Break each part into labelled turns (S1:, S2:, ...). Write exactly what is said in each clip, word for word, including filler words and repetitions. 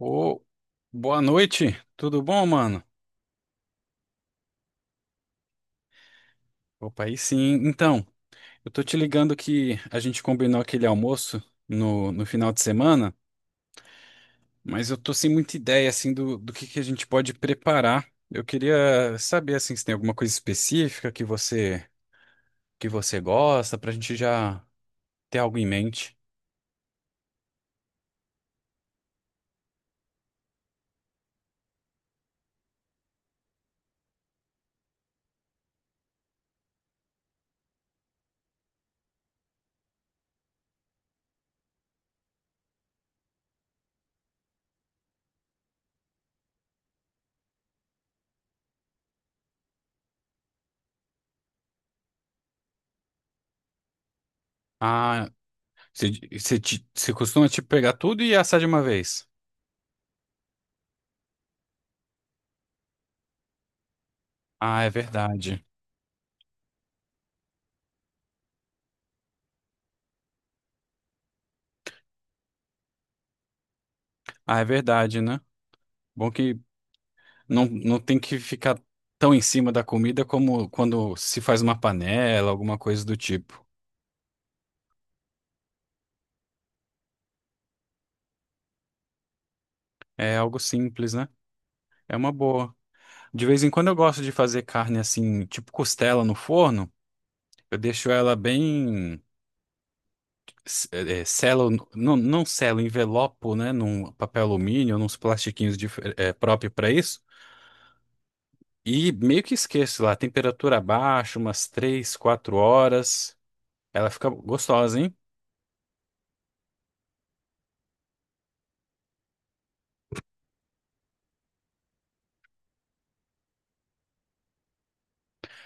S1: Ô, boa noite, tudo bom, mano? Opa, aí sim. Então, eu tô te ligando que a gente combinou aquele almoço no, no final de semana, mas eu tô sem muita ideia, assim, do, do que que a gente pode preparar. Eu queria saber, assim, se tem alguma coisa específica que você, que você gosta, pra gente já ter algo em mente. Ah, você você te- você costuma, tipo, pegar tudo e assar de uma vez? Ah, é verdade. Ah, é verdade, né? Bom que não, não tem que ficar tão em cima da comida como quando se faz uma panela, alguma coisa do tipo. É algo simples, né? É uma boa. De vez em quando eu gosto de fazer carne assim, tipo costela no forno. Eu deixo ela bem. s- eh, eh, selo, não, não selo, envelopo, né? Num papel alumínio, nos plastiquinhos dif- eh, próprio para isso. E meio que esqueço lá, temperatura baixa, umas três quatro horas. Ela fica gostosa, hein?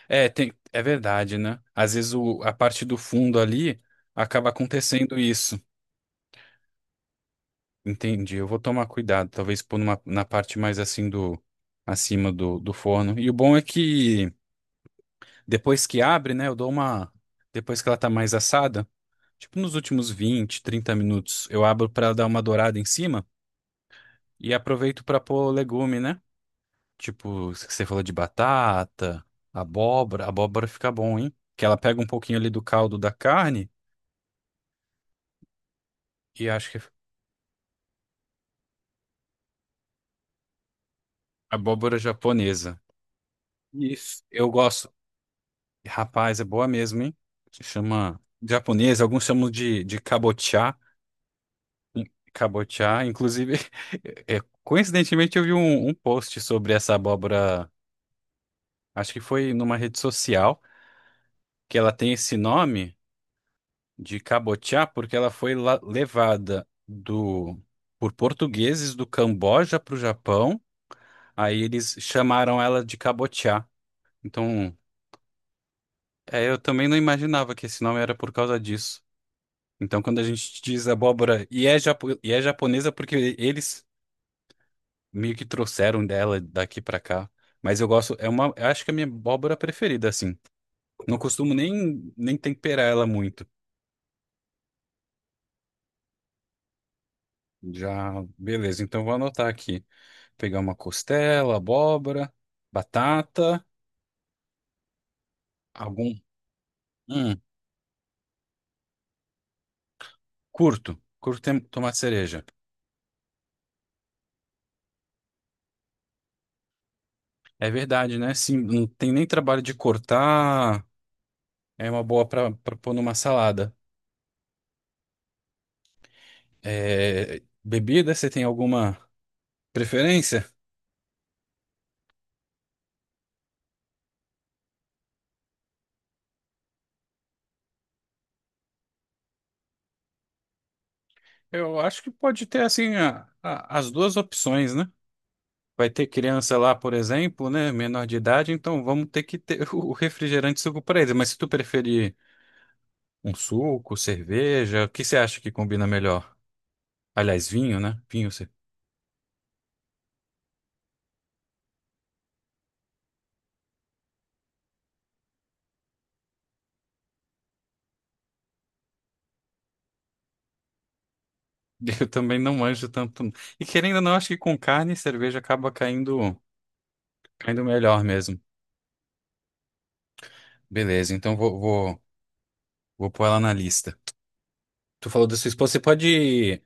S1: É, tem, é verdade, né? Às vezes o, a parte do fundo ali acaba acontecendo isso. Entendi. Eu vou tomar cuidado, talvez pôr numa, na parte mais assim do acima do, do forno. E o bom é que depois que abre, né, eu dou uma depois que ela tá mais assada, tipo nos últimos vinte, trinta minutos, eu abro para dar uma dourada em cima e aproveito para pôr legume, né? Tipo, que você falou de batata, abóbora, abóbora fica bom, hein? Que ela pega um pouquinho ali do caldo da carne e acho que. Abóbora japonesa. Isso. Eu gosto. Rapaz, é boa mesmo, hein? Se chama japonesa, alguns chamam de, de cabotiá. In- Cabotiá, inclusive, é, coincidentemente eu vi um, um post sobre essa abóbora, acho que foi numa rede social, que ela tem esse nome de cabotiá porque ela foi la- levada do por portugueses do Camboja para o Japão, aí eles chamaram ela de cabotiá. Então, é, eu também não imaginava que esse nome era por causa disso. Então, quando a gente diz abóbora e é, japo- e é japonesa porque eles meio que trouxeram dela daqui pra cá. Mas eu gosto, é uma, eu acho que é a minha abóbora preferida, assim. Não costumo nem, nem temperar ela muito. Já, beleza, então vou anotar aqui. Pegar uma costela, abóbora, batata, algum. Hum, curto. Curto tem- tomate cereja. É verdade, né? Sim, não tem nem trabalho de cortar. É uma boa para pôr numa salada. É, bebida, você tem alguma preferência? Eu acho que pode ter assim a- a- as duas opções, né? Vai ter criança lá, por exemplo, né? Menor de idade, então vamos ter que ter o refrigerante e suco para eles. Mas se tu preferir um suco, cerveja, o que você acha que combina melhor? Aliás, vinho, né? Vinho, você... eu também não manjo tanto. E querendo ou não, acho que com carne e cerveja acaba caindo, caindo melhor mesmo. Beleza, então vou, vou, vou pôr ela na lista. Tu falou da sua esposa, você pode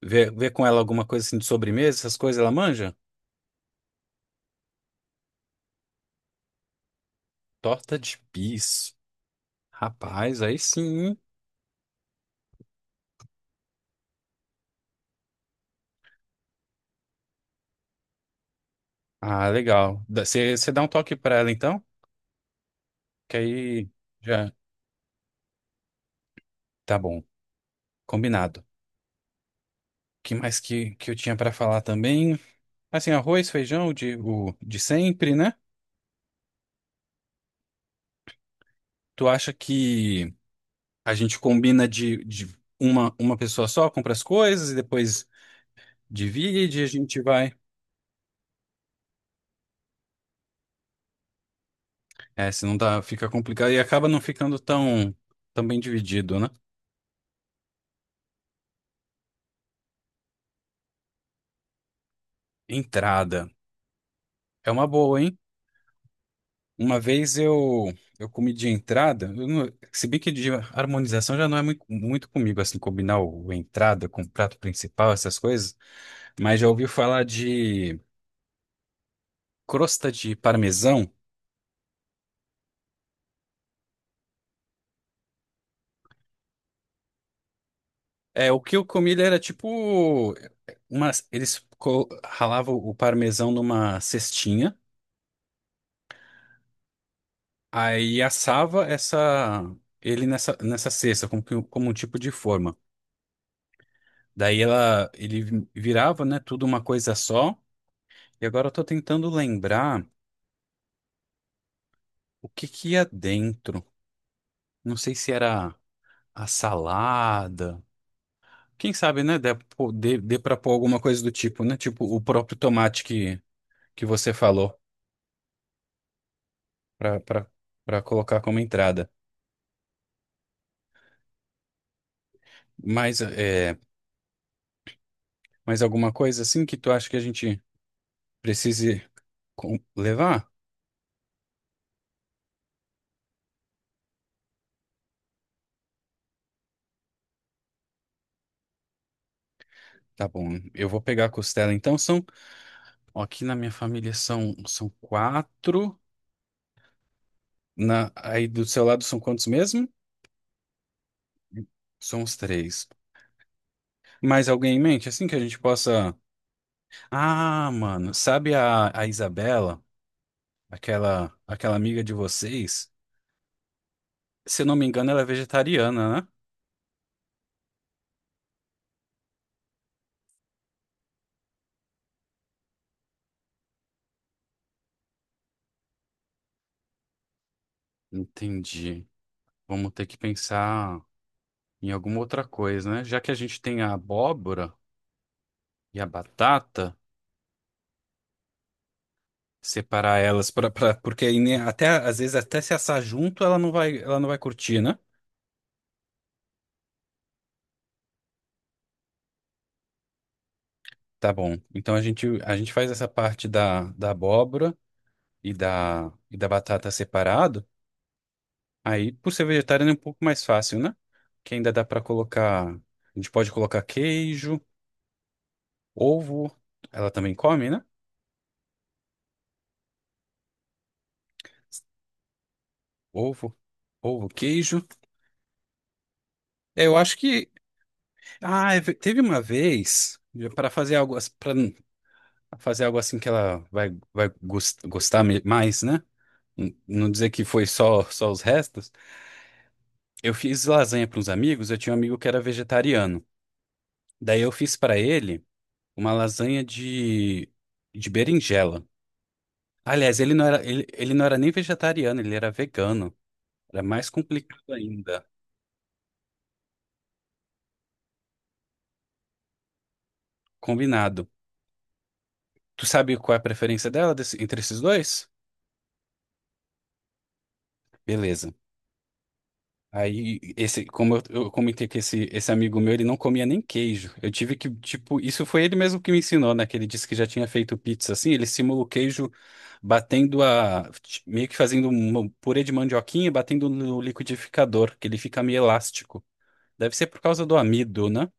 S1: ver, ver com ela alguma coisa assim de sobremesa, essas coisas, ela manja? Torta de bis. Rapaz, aí sim, hein? Ah, legal. Dá- Você você dá um toque pra ela então? Que aí já tá bom. Combinado. O que mais que, que eu tinha pra falar também? Assim, arroz, feijão, de, o de sempre, né? Tu acha que a gente combina de, de uma, uma pessoa só, compra as coisas e depois divide, a gente vai. É, se não dá, fica complicado e acaba não ficando tão, tão bem dividido, né? Entrada. É uma boa, hein? Uma vez eu, eu comi de entrada, eu não- se bem que de harmonização já não é muito, muito comigo, assim, combinar o, o entrada com o prato principal, essas coisas, mas já ouvi falar de crosta de parmesão. É, o que eu comi ele era tipo, uma, eles co- ralavam o parmesão numa cestinha. Aí assava essa ele nessa nessa cesta como, que- como um tipo de forma. Daí ela ele vi- virava, né, tudo uma coisa só. E agora eu tô tentando lembrar o que que ia dentro. Não sei se era a salada. Quem sabe, né, dê, pô- dê, dê para pôr alguma coisa do tipo, né? Tipo o próprio tomate que que você falou para para para colocar como entrada. Mas é, mais alguma coisa assim que tu acha que a gente precise com- levar? Tá bom, eu vou pegar a costela. Então são, ó, aqui na minha família são, são quatro. Na, aí do seu lado são quantos mesmo? São os três. Mais alguém em mente? Assim que a gente possa. Ah, mano, sabe a, a Isabela, aquela, aquela amiga de vocês? Se eu não me engano, ela é vegetariana, né? Entendi. Vamos ter que pensar em alguma outra coisa, né? Já que a gente tem a abóbora e a batata. Separar elas pra, pra, porque aí, né, até às vezes até se assar junto ela não vai ela não vai curtir, né? Tá bom. Então a gente a gente faz essa parte da, da abóbora e da e da batata separado. Aí por ser vegetariano é um pouco mais fácil, né? Que ainda dá pra colocar, a gente pode colocar queijo, ovo, ela também come, né? Ovo, ovo, queijo. É, eu acho que ah, é ve- teve uma vez para fazer algo fazer algo assim que ela vai, vai gos- gostar me- mais, né? N- Não dizer que foi só, só os restos. Eu fiz lasanha para uns amigos, eu tinha um amigo que era vegetariano. Daí eu fiz para ele uma lasanha de, de berinjela. Aliás, ele não era, ele, ele não era nem vegetariano, ele era vegano. Era mais complicado ainda. Combinado. Tu sabe qual é a preferência dela desse- entre esses dois? Beleza. Aí, esse, como eu, eu comentei que esse, esse amigo meu, ele não comia nem queijo. Eu tive que, tipo, isso foi ele mesmo que me ensinou, né? Que ele disse que já tinha feito pizza assim. Ele simula o queijo batendo a. Meio que fazendo um purê de mandioquinha e batendo no liquidificador, que ele fica meio elástico. Deve ser por causa do amido, né?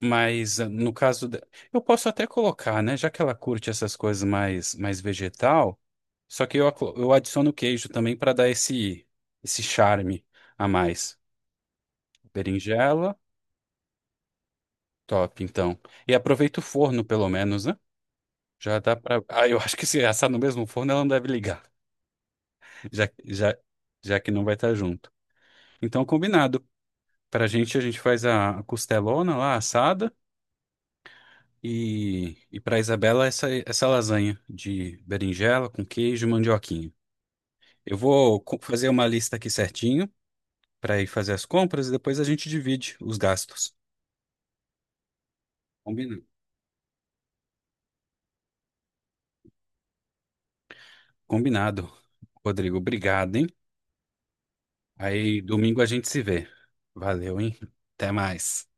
S1: Mas ah, no caso. de- Eu posso até colocar, né? Já que ela curte essas coisas mais, mais vegetal. Só que eu, aclo- eu adiciono queijo também para dar esse, esse charme a mais. Berinjela, top, então. E aproveita o forno, pelo menos, né? Já dá pra. Ah, eu acho que se assar no mesmo forno, ela não deve ligar, já, já, já que não vai estar junto. Então, combinado. Pra gente, a gente faz a a costelona lá, assada. E, e pra Isabela, essa, essa lasanha de berinjela com queijo e mandioquinha. Eu vou co- fazer uma lista aqui certinho pra ir fazer as compras e depois a gente divide os gastos. Combinado. Combinado. Rodrigo, obrigado, hein? Aí domingo a gente se vê. Valeu, hein? Até mais.